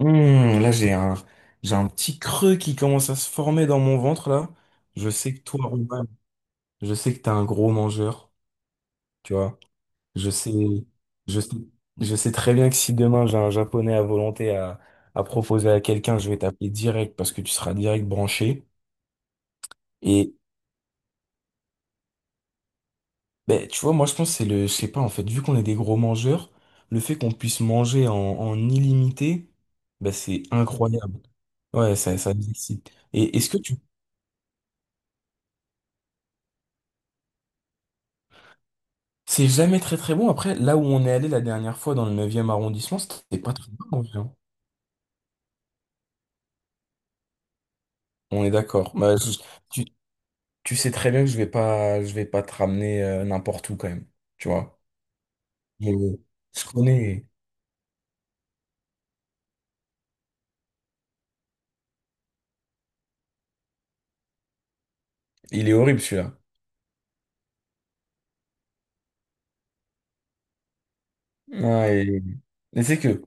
Là, j'ai un petit creux qui commence à se former dans mon ventre, là. Je sais que toi, Roman, je sais que t'es un gros mangeur, tu vois. Je sais, je sais, je sais très bien que si demain j'ai un japonais à volonté à proposer à quelqu'un, je vais t'appeler direct parce que tu seras direct branché. Et, ben, tu vois, moi, je pense que je sais pas, en fait, vu qu'on est des gros mangeurs, le fait qu'on puisse manger en illimité, ben, c'est incroyable. Ouais, ça nous excite. Et est-ce que tu C'est jamais très très bon. Après, là où on est allé la dernière fois dans le neuvième arrondissement, c'était pas très bon, en vrai, hein. On est d'accord. Bah, tu, tu sais très bien que je vais pas te ramener n'importe où quand même. Tu vois. Je, je connais. Il est horrible celui-là. Ah, et c'est que.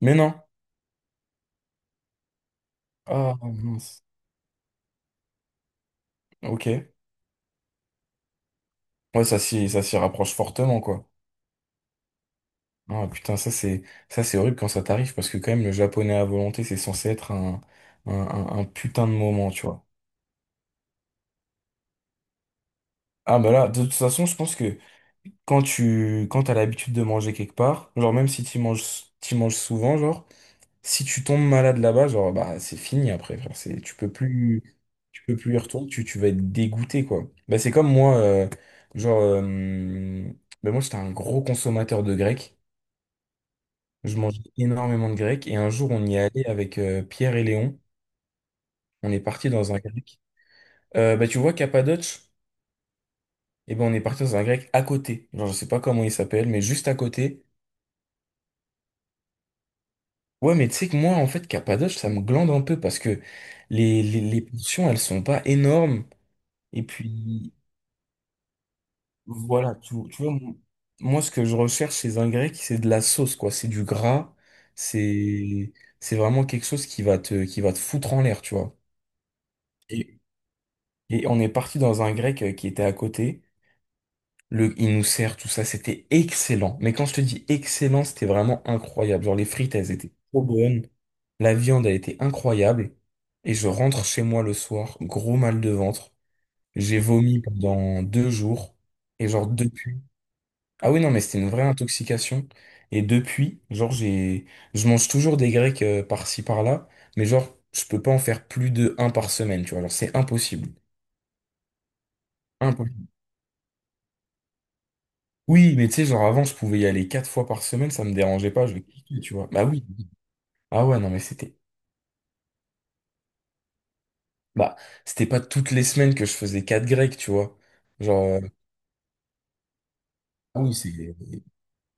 Mais non. Ah mince. Ok. Ouais, ça s'y rapproche fortement quoi. Ah putain, ça c'est horrible quand ça t'arrive parce que quand même le japonais à volonté, c'est censé être un putain de moment, tu vois. Ah bah là, de toute façon, je pense que quand t'as l'habitude de manger quelque part, genre même si tu manges t'y manges souvent, genre si tu tombes malade là-bas, genre bah c'est fini après, frère, c'est tu peux plus y retourner, tu vas être dégoûté quoi. Bah c'est comme moi genre bah, moi j'étais un gros consommateur de grec, je mangeais énormément de grec et un jour on y est allé avec Pierre et Léon, on est parti dans un grec. Bah tu vois Cappadoce, et ben on est parti dans un grec à côté. Genre je sais pas comment il s'appelle mais juste à côté. Ouais, mais tu sais que moi, en fait, Cappadoce, ça me glande un peu parce que les portions, elles sont pas énormes. Et puis, voilà, tu vois, moi, ce que je recherche chez un grec, c'est de la sauce, quoi. C'est du gras. C'est, c'est vraiment quelque chose qui va te foutre en l'air, tu vois. Et, et on est parti dans un grec qui était à côté. Il nous sert tout ça. C'était excellent. Mais quand je te dis excellent, c'était vraiment incroyable. Genre, les frites, elles étaient trop bonnes. La viande a été incroyable et je rentre chez moi le soir, gros mal de ventre. J'ai vomi pendant 2 jours et genre depuis. Ah oui, non, mais c'était une vraie intoxication. Et depuis, genre je mange toujours des grecs par-ci par-là, mais genre je peux pas en faire plus de un par semaine, tu vois. Genre c'est impossible. Impossible. Oui, mais tu sais, genre avant je pouvais y aller 4 fois par semaine, ça me dérangeait pas, je kiffais, tu vois. Bah oui. Ah ouais, non, mais bah c'était pas toutes les semaines que je faisais quatre grecs, tu vois. Genre. Ah oui, c'est...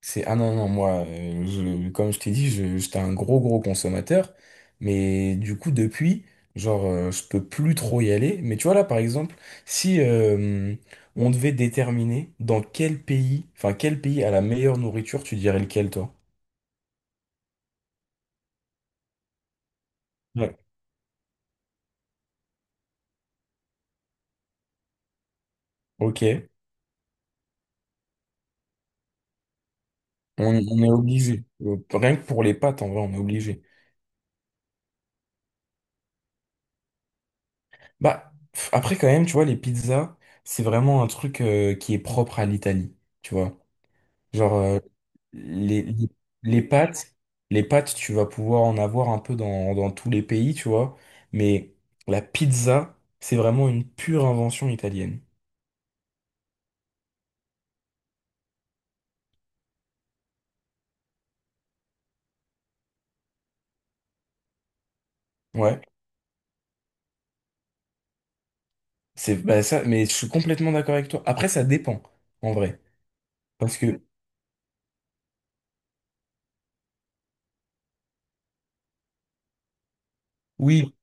c'est- ah non, non, moi, comme je t'ai dit, j'étais un gros, gros consommateur. Mais du coup, depuis, genre, je peux plus trop y aller. Mais tu vois, là, par exemple, si on devait déterminer dans quel pays, enfin, quel pays a la meilleure nourriture, tu dirais lequel, toi? Ouais. Ok, on est obligé. Rien que pour les pâtes, en vrai, on est obligé. Bah, pff, après, quand même, tu vois, les pizzas, c'est vraiment un truc qui est propre à l'Italie. Tu vois. Genre, les, les, les pâtes, les pâtes, tu vas pouvoir en avoir un peu dans tous les pays, tu vois. Mais la pizza, c'est vraiment une pure invention italienne. Ouais, c'est bah, ça, mais je suis complètement d'accord avec toi. Après, ça dépend, en vrai. Parce que, oui,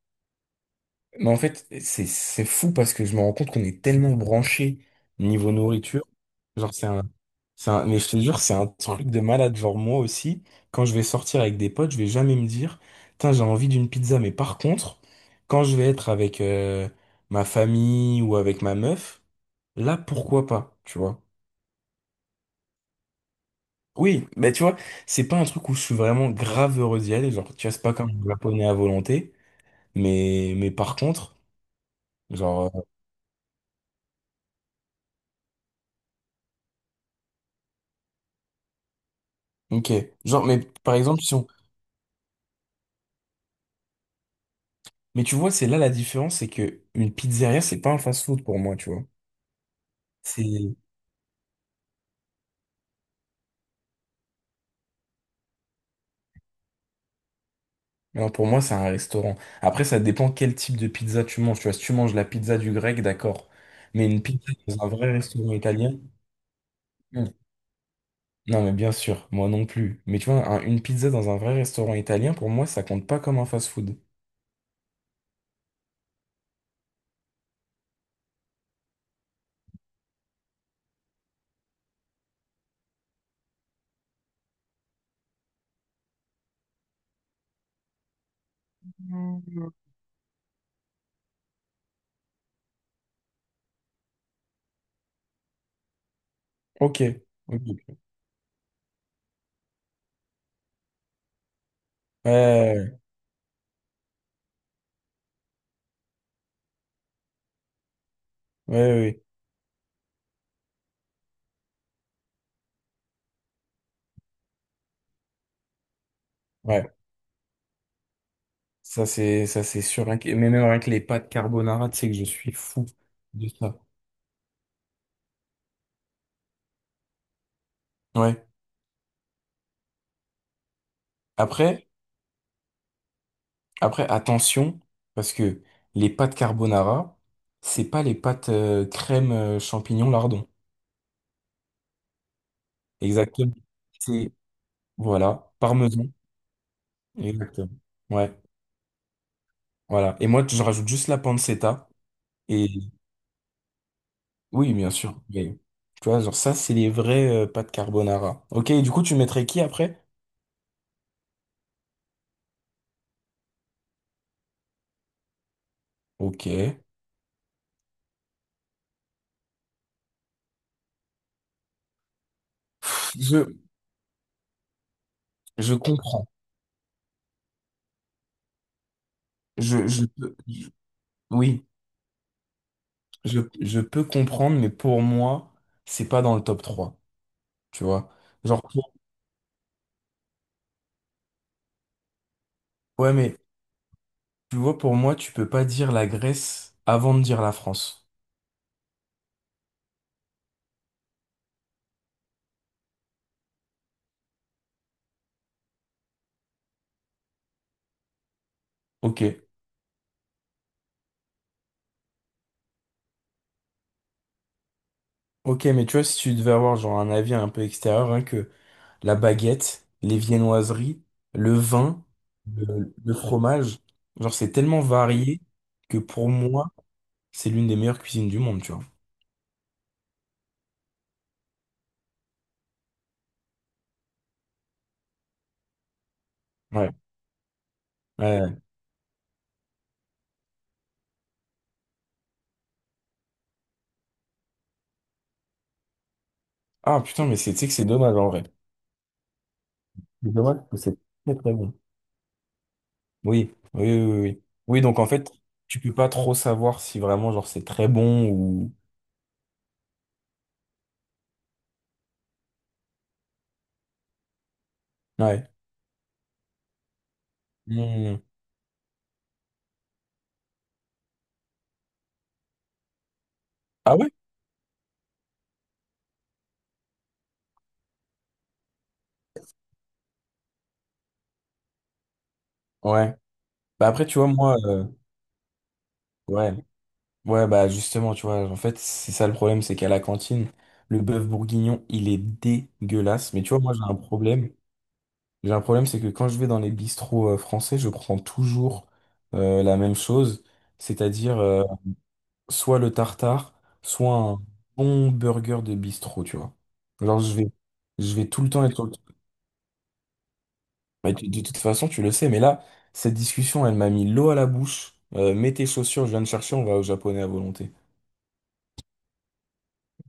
mais en fait, c'est fou parce que je me rends compte qu'on est tellement branché niveau nourriture. Genre, c'est un, mais je te jure, c'est un truc de malade. Genre, moi aussi, quand je vais sortir avec des potes, je vais jamais me dire, tain, j'ai envie d'une pizza. Mais par contre, quand je vais être avec ma famille ou avec ma meuf, là, pourquoi pas, tu vois? Oui, mais tu vois, c'est pas un truc où je suis vraiment grave heureux d'y aller. Genre, tu vois, c'est pas comme japonais à volonté. Mais par contre, genre, ok. Genre, mais par exemple, si on. Mais tu vois, c'est là la différence, c'est que une pizzeria, c'est pas un fast-food pour moi, tu vois. C'est Non, pour moi, c'est un restaurant. Après, ça dépend quel type de pizza tu manges. Tu vois, si tu manges la pizza du grec, d'accord. Mais une pizza dans un vrai restaurant italien? Non, non, mais bien sûr, moi non plus. Mais tu vois, une pizza dans un vrai restaurant italien, pour moi, ça compte pas comme un fast-food. Ok. Ok. Ouais, ouais, ouais, ouais. Ouais. Ça, c'est sûr. Mais même avec les pâtes carbonara, tu sais que je suis fou de ça. Ouais. Après, Après, attention, parce que les pâtes carbonara, c'est pas les pâtes crème champignon lardon. Exactement. C'est, voilà, parmesan. Exactement. Ouais, voilà. Et moi, je rajoute juste la pancetta. Et oui, bien sûr. Mais, tu vois, genre ça, c'est les vraies pâtes carbonara. Ok, et du coup, tu mettrais qui après? Ok. Je, je comprends. Je, je peux, je- oui, je peux comprendre, mais pour moi, c'est pas dans le top trois. Tu vois? Genre, ouais, mais tu vois, pour moi, tu peux pas dire la Grèce avant de dire la France. Ok. Ok, mais tu vois, si tu devais avoir genre un avis un peu extérieur, hein, que la baguette, les viennoiseries, le vin, le fromage, genre c'est tellement varié que pour moi, c'est l'une des meilleures cuisines du monde, tu vois. Ouais. Ouais. Ah putain, tu sais que c'est dommage en vrai. C'est dommage parce que c'est très très bon. Oui, oui, oui, oui. Oui, donc en fait, tu peux pas trop savoir si vraiment genre c'est très bon ou... Ouais. Mmh. Ah ouais? Ouais. Bah après, tu vois, moi, ouais. Ouais, bah justement, tu vois, en fait, c'est ça le problème, c'est qu'à la cantine, le bœuf bourguignon, il est dégueulasse. Mais tu vois, moi, j'ai un problème. J'ai un problème, c'est que quand je vais dans les bistrots français, je prends toujours la même chose, c'est-à-dire soit le tartare, soit un bon burger de bistrot, tu vois. Alors, je vais tout le temps être sur. Mais de toute façon, tu le sais, mais là, cette discussion, elle m'a mis l'eau à la bouche. Mets tes chaussures, je viens de chercher, on va au japonais à volonté.